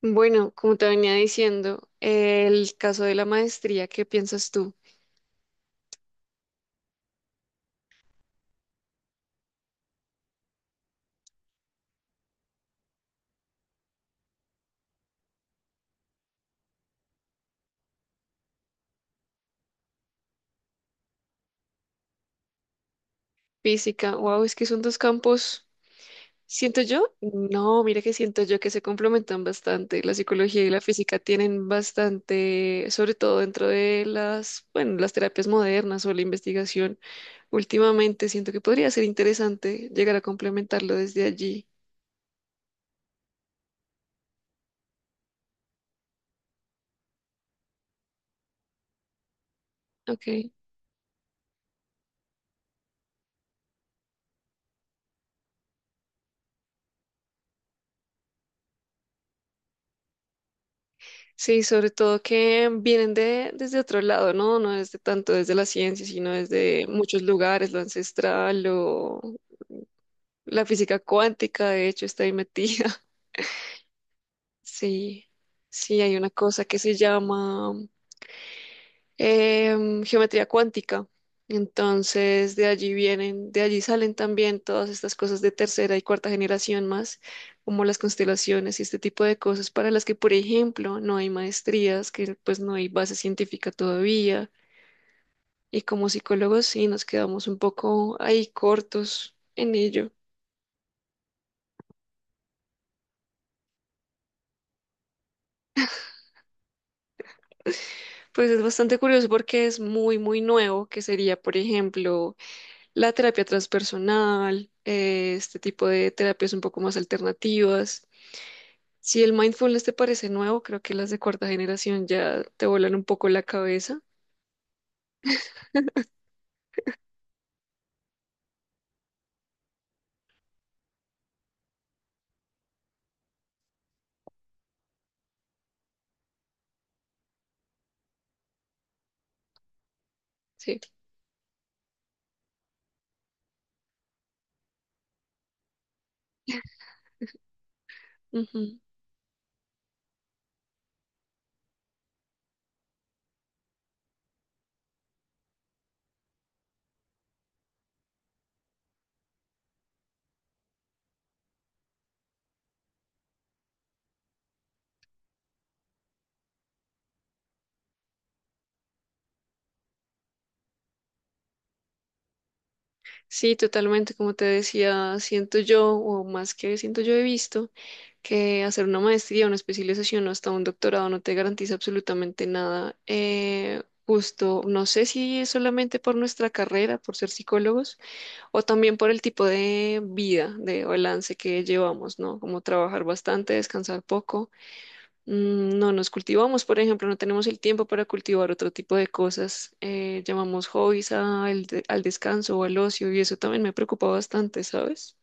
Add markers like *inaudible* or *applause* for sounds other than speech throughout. Bueno, como te venía diciendo, el caso de la maestría, ¿qué piensas tú? Física, wow, es que son dos campos, siento yo, no, mira que siento yo que se complementan bastante. La psicología y la física tienen bastante, sobre todo dentro de bueno, las terapias modernas o la investigación. Últimamente siento que podría ser interesante llegar a complementarlo desde allí. Ok. Sí, sobre todo que vienen desde otro lado, ¿no? No desde tanto desde la ciencia, sino desde muchos lugares, lo ancestral, lo, la física cuántica, de hecho, está ahí metida. *laughs* Sí, sí, hay una cosa que se llama geometría cuántica. Entonces, de allí vienen, de allí salen también todas estas cosas de tercera y cuarta generación más, como las constelaciones y este tipo de cosas para las que, por ejemplo, no hay maestrías, que pues no hay base científica todavía, y como psicólogos sí nos quedamos un poco ahí cortos en ello. Pues es bastante curioso porque es muy, muy nuevo, que sería, por ejemplo, la terapia transpersonal, este tipo de terapias un poco más alternativas. Si el mindfulness te parece nuevo, creo que las de cuarta generación ya te vuelan un poco la cabeza. Sí. Ujú. Sí, totalmente. Como te decía, siento yo, o más que siento yo, he visto que hacer una maestría, una especialización o hasta un doctorado no te garantiza absolutamente nada. Justo, no sé si es solamente por nuestra carrera, por ser psicólogos, o también por el tipo de vida, de balance que llevamos, ¿no? Como trabajar bastante, descansar poco. Mm, no nos cultivamos, por ejemplo, no tenemos el tiempo para cultivar otro tipo de cosas. Eh, llamamos hobbies al descanso o al ocio y eso también me preocupa bastante, ¿sabes?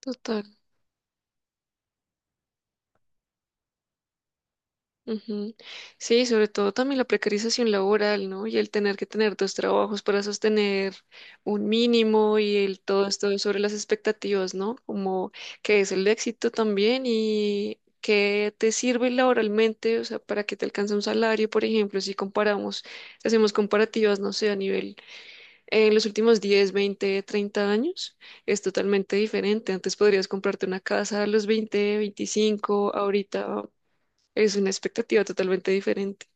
Total. Ujú. Sí, sobre todo también la precarización laboral, ¿no? Y el tener que tener dos trabajos para sostener un mínimo y el todo esto sobre las expectativas, ¿no? Como qué es el éxito también y qué te sirve laboralmente, o sea, para que te alcance un salario, por ejemplo, si comparamos, hacemos comparativas, no sé, a nivel en los últimos 10, 20, 30 años es totalmente diferente. Antes podrías comprarte una casa a los 20, 25. Ahorita es una expectativa totalmente diferente.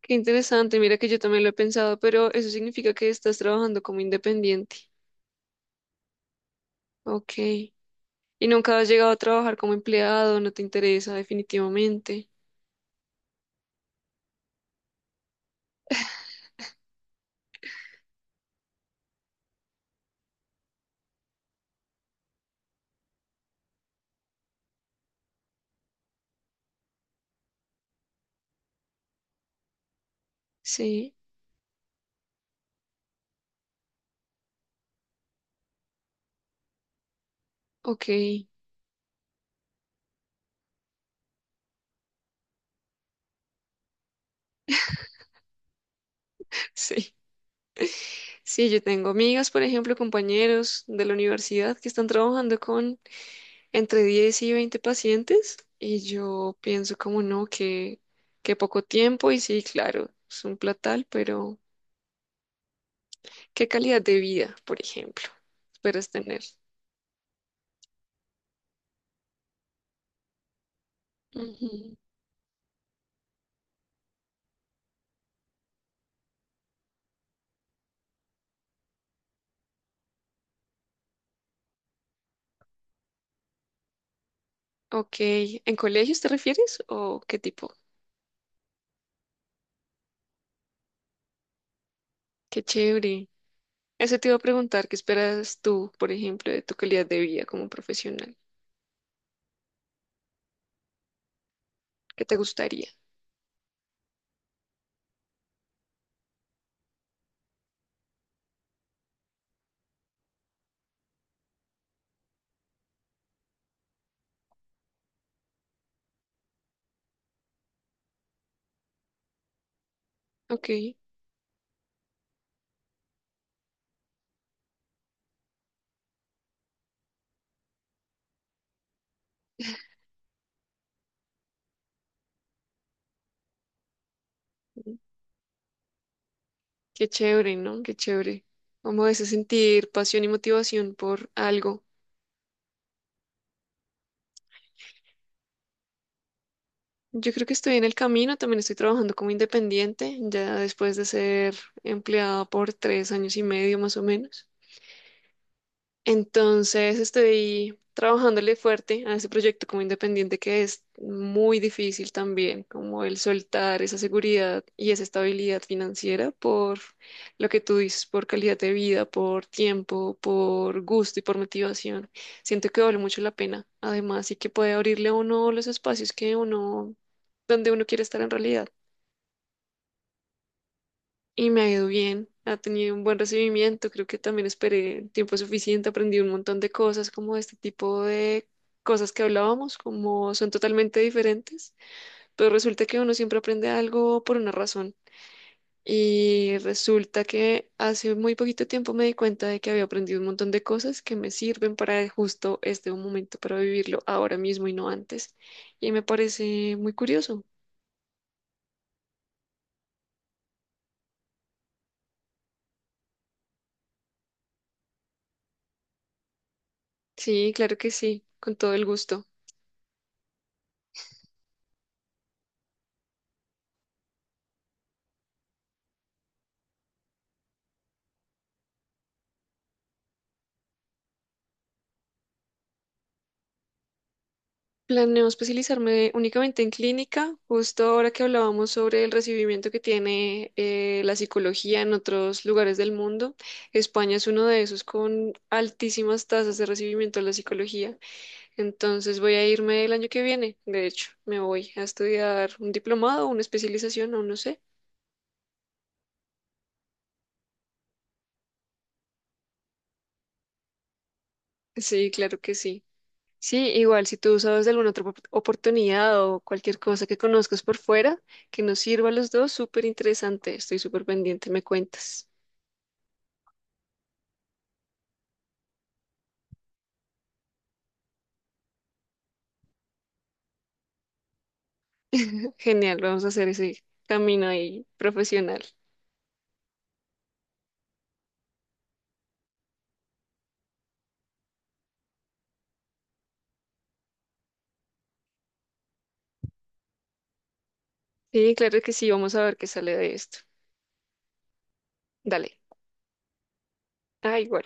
Qué interesante, mira que yo también lo he pensado, pero eso significa que estás trabajando como independiente. Ok. Y nunca has llegado a trabajar como empleado, no te interesa definitivamente. Sí, ok, *laughs* sí. Sí, yo tengo amigas, por ejemplo, compañeros de la universidad que están trabajando con entre 10 y 20 pacientes y yo pienso como no, que poco tiempo y sí, claro, es un platal, pero ¿qué calidad de vida, por ejemplo, esperas tener? Ujú. Ok, ¿en colegios te refieres o qué tipo? Qué chévere. Eso te iba a preguntar, ¿qué esperas tú, por ejemplo, de tu calidad de vida como profesional? ¿Qué te gustaría? Ok, qué chévere, ¿no? Qué chévere. Como ese sentir pasión y motivación por algo. Yo creo que estoy en el camino, también estoy trabajando como independiente, ya después de ser empleada por 3 años y medio más o menos. Entonces estoy trabajándole fuerte a ese proyecto como independiente que es muy difícil también, como el soltar esa seguridad y esa estabilidad financiera por lo que tú dices, por calidad de vida, por tiempo, por gusto y por motivación. Siento que vale mucho la pena, además, y que puede abrirle a uno los espacios que uno, donde uno quiere estar en realidad y me ha ido bien, ha tenido un buen recibimiento, creo que también esperé el tiempo suficiente, aprendí un montón de cosas como de este tipo de cosas que hablábamos, como son totalmente diferentes, pero resulta que uno siempre aprende algo por una razón. Y resulta que hace muy poquito tiempo me di cuenta de que había aprendido un montón de cosas que me sirven para justo este momento, para vivirlo ahora mismo y no antes. Y me parece muy curioso. Sí, claro que sí, con todo el gusto. Planeo especializarme únicamente en clínica, justo ahora que hablábamos sobre el recibimiento que tiene la psicología en otros lugares del mundo. España es uno de esos con altísimas tasas de recibimiento de la psicología. Entonces voy a irme el año que viene, de hecho, me voy a estudiar un diplomado, una especialización, aún no sé. Sí, claro que sí. Sí, igual si tú sabes de alguna otra oportunidad o cualquier cosa que conozcas por fuera que nos sirva a los dos, súper interesante. Estoy súper pendiente, me cuentas. Genial, vamos a hacer ese camino ahí profesional. Sí, claro que sí, vamos a ver qué sale de esto. Dale. Ah, igual.